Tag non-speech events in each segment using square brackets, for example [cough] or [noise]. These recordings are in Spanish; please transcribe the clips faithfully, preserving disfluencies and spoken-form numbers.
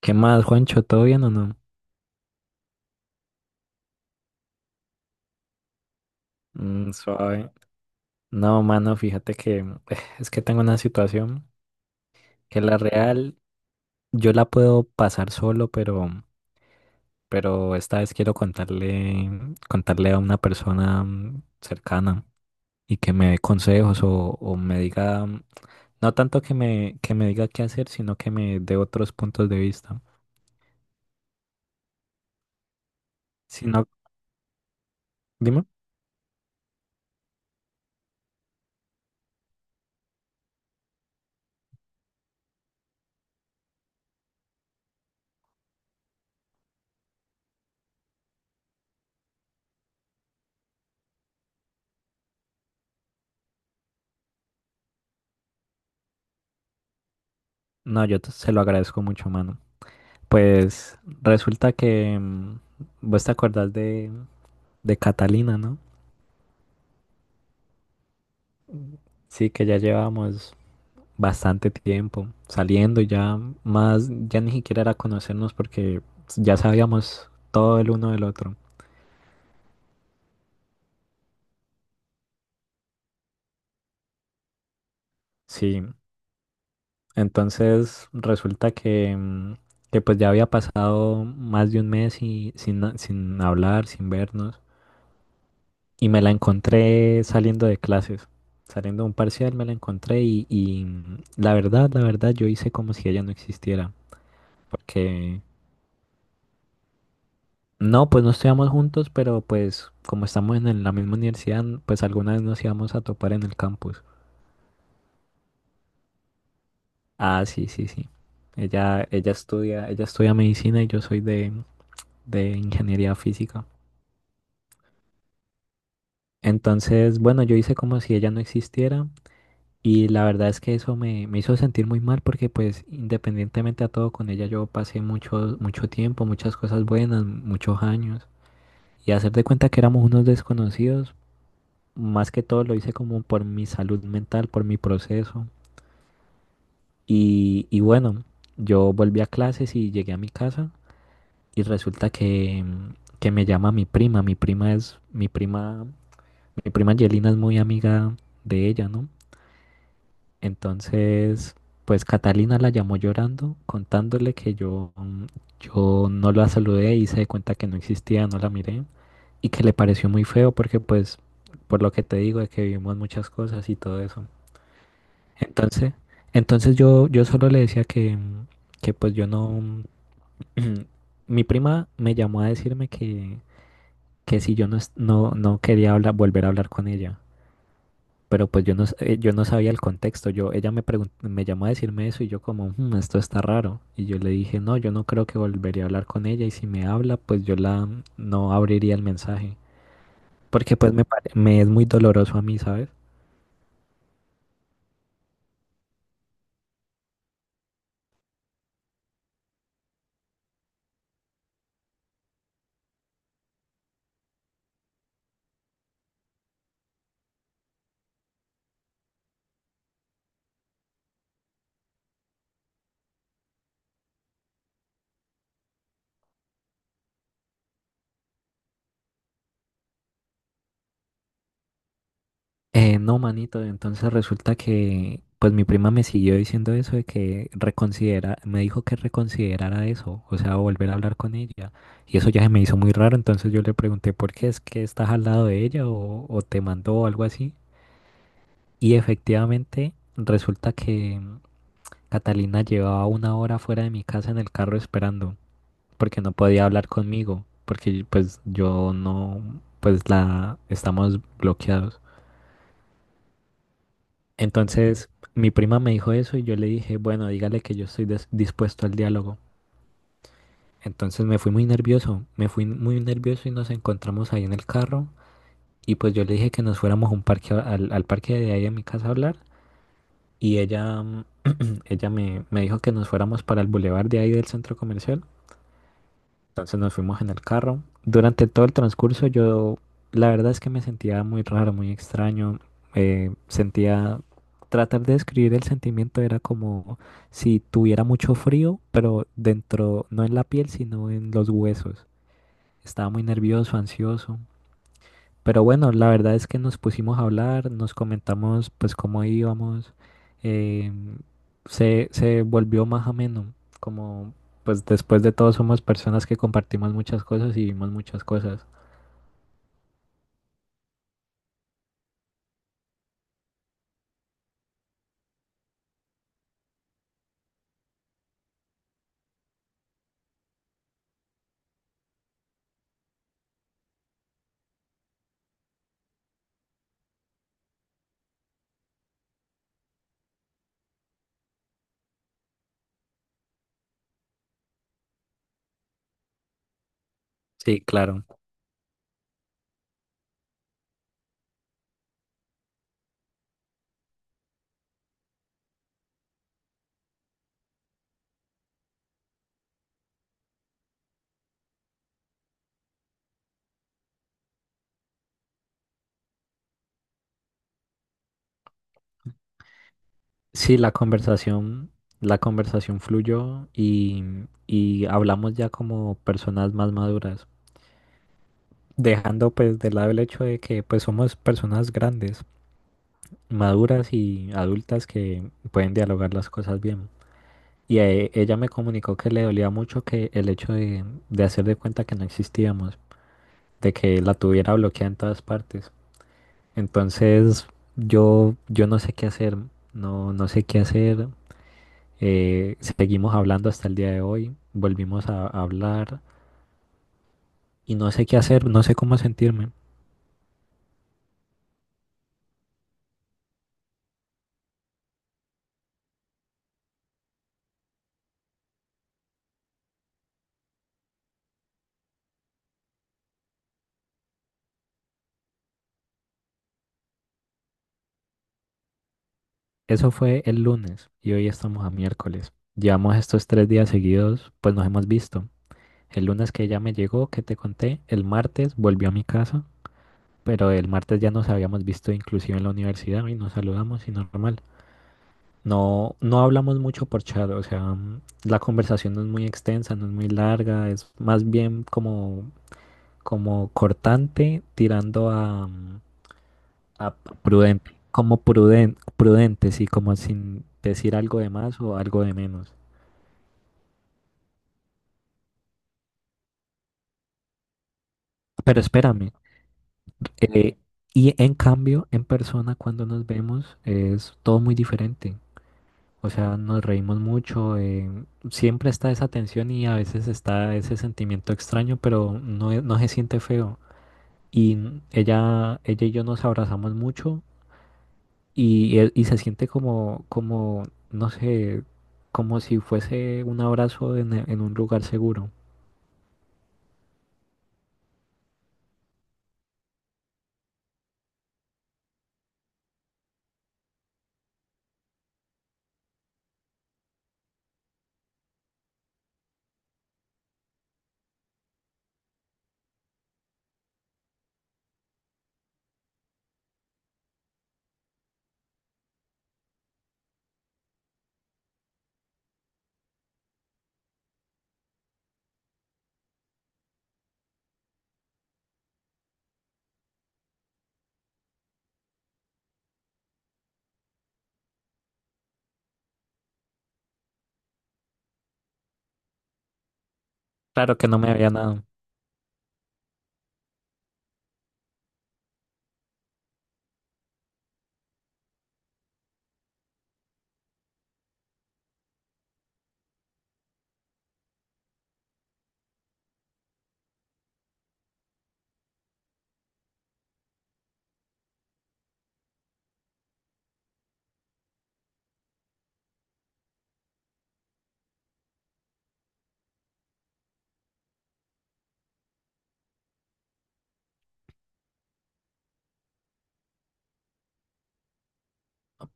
¿Qué más, Juancho? ¿Todo bien o no? Mm, suave. No, mano, fíjate que eh, es que tengo una situación que la real yo la puedo pasar solo, pero, pero esta vez quiero contarle, contarle a una persona mm, cercana y que me dé consejos o, o me diga, mm, no tanto que me, que me diga qué hacer, sino que me dé otros puntos de vista. Si no, dime. No, yo te- se lo agradezco mucho, mano. Pues resulta que mm, vos te acordás de, de Catalina, ¿no? Sí, que ya llevamos bastante tiempo saliendo, ya más, ya ni siquiera era conocernos porque ya sabíamos todo el uno del otro. Sí, entonces resulta que, mm, que pues ya había pasado más de un mes y, sin, na- sin hablar, sin vernos, y me la encontré saliendo de clases. Saliendo de un parcial me la encontré y, y mm, la verdad, la verdad, yo hice como si ella no existiera, porque no, pues no estudiamos juntos, pero pues como estamos en el- la misma universidad, pues alguna vez nos íbamos a topar en el campus. Ah, sí, sí, sí. Ella, ella estudia, ella estudia medicina y yo soy de, de ingeniería física. Entonces, bueno, yo hice como si ella no existiera y la verdad es que eso me, me hizo sentir muy mal porque pues independientemente a todo con ella yo pasé mucho, mucho tiempo, muchas cosas buenas, muchos años y hacer de cuenta que éramos unos desconocidos. Más que todo lo hice como por mi salud mental, por mi proceso. Y, y bueno, yo volví a clases y llegué a mi casa y resulta que, que me llama mi prima. Mi prima es, mi prima, mi prima Angelina es muy amiga de ella, ¿no? Entonces, pues Catalina la llamó llorando, contándole que yo, mm, yo no la saludé y se di cuenta que no existía, no la miré y que le pareció muy feo porque pues, por lo que te digo, de que vivimos muchas cosas y todo eso. Entonces, entonces yo, yo solo le decía que, mm, que pues yo no... [clears throat] Mi prima me llamó a decirme que, que si yo no, es- no, no quería hablar, volver a hablar con ella, pero pues yo no, s- eh, yo no sabía el contexto. Yo, ella me pregun- me llamó a decirme eso y yo como, "Hmm, esto está raro". Y yo le dije, no, yo no creo que volvería a hablar con ella y si me habla, pues yo la no abriría el mensaje, porque pues me, pare- me es muy doloroso a mí, ¿sabes? Eh, no, manito, entonces resulta que pues mi prima me siguió diciendo eso de que reconsidera, me dijo que reconsiderara eso, o sea, volver a hablar con ella. Y eso ya se me hizo muy raro, entonces yo le pregunté por qué es que estás al lado de ella o, o te mandó o algo así. Y efectivamente resulta que Catalina llevaba una hora fuera de mi casa en el carro esperando, porque no podía hablar conmigo, porque pues yo no, pues la estamos bloqueados. Entonces, mi prima me dijo eso y yo le dije, bueno, dígale que yo estoy des- dispuesto al diálogo. Entonces me fui muy nervioso, me fui muy nervioso y nos encontramos ahí en el carro. Y pues yo le dije que nos fuéramos a un parque, a- al, al parque de ahí en mi casa a hablar. Y ella, mm, ella me, me dijo que nos fuéramos para el bulevar de ahí del centro comercial. Entonces nos fuimos en el carro. Durante todo el transcurso yo, la verdad es que me sentía muy raro, muy extraño. eh, sentía, tratar de describir el sentimiento era como si tuviera mucho frío, pero dentro, no en la piel, sino en los huesos. Estaba muy nervioso, ansioso. Pero bueno, la verdad es que nos pusimos a hablar, nos comentamos pues cómo íbamos, eh, se, se volvió más ameno, como pues después de todo somos personas que compartimos muchas cosas y vimos muchas cosas. Sí, claro. Sí, la conversación, la conversación fluyó y, y hablamos ya como personas más maduras, dejando pues de lado el hecho de que pues somos personas grandes, maduras y adultas que pueden dialogar las cosas bien. Y eh, ella me comunicó que le dolía mucho que el hecho de, de hacer de cuenta que no existíamos, de que la tuviera bloqueada en todas partes. Entonces yo, yo no sé qué hacer, no, no sé qué hacer. Eh, seguimos hablando hasta el día de hoy, volvimos a, a hablar y no sé qué hacer, no sé cómo sentirme. Eso fue el lunes y hoy estamos a miércoles. Llevamos estos tres días seguidos, pues nos hemos visto. El lunes que ella me llegó, que te conté, el martes volvió a mi casa. Pero el martes ya nos habíamos visto inclusive en la universidad y nos saludamos y normal. No, no hablamos mucho por chat, o sea, mm, la conversación no es muy extensa, no es muy larga, es más bien como, como cortante, tirando a, mm, a prudente, como pruden- prudente, sí, como sin decir algo de más o algo de menos. Pero espérame, eh, y en cambio, en persona cuando nos vemos es todo muy diferente. O sea, nos reímos mucho, eh, siempre está esa tensión y a veces está ese sentimiento extraño, pero no, e- no se siente feo. Y n- ella, ella y yo nos abrazamos mucho y, e- y se siente como, como, no sé, como si fuese un abrazo en, e- en un lugar seguro. Claro que no me había dado.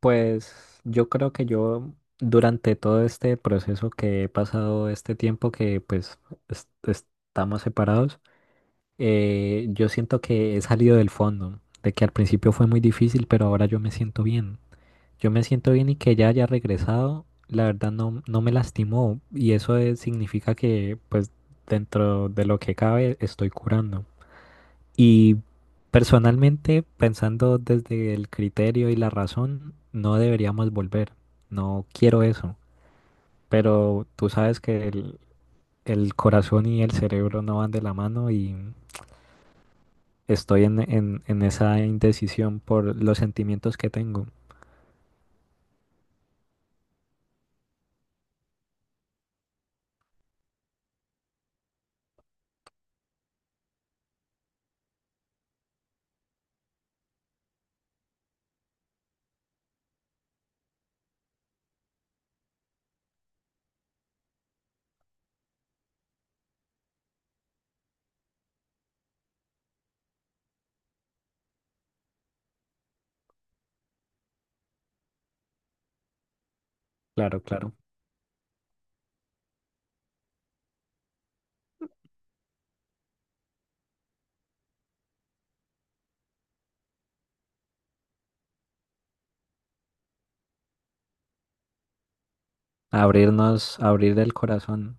Pues yo creo que yo durante todo este proceso que he pasado, este tiempo que pues es- estamos separados, Eh, yo siento que he salido del fondo, de que al principio fue muy difícil, pero ahora yo me siento bien. Yo me siento bien y que ella haya regresado, la verdad no, no me lastimó y eso es- significa que pues dentro de lo que cabe estoy curando. Y personalmente, pensando desde el criterio y la razón, no deberíamos volver. No quiero eso, pero tú sabes que el, el corazón y el cerebro no van de la mano. Estoy en, en, en esa indecisión por los sentimientos que tengo. Claro, claro. Abrirnos, abrir el corazón.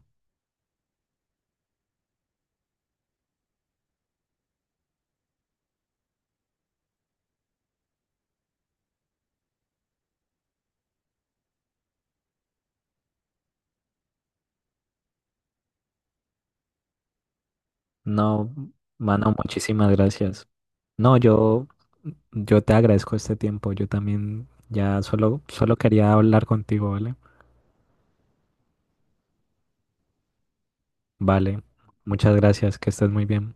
No, mano, muchísimas gracias. No, yo, yo te agradezco este tiempo. Yo también ya solo, solo quería hablar contigo, ¿vale? Vale. Muchas gracias. Que estés muy bien.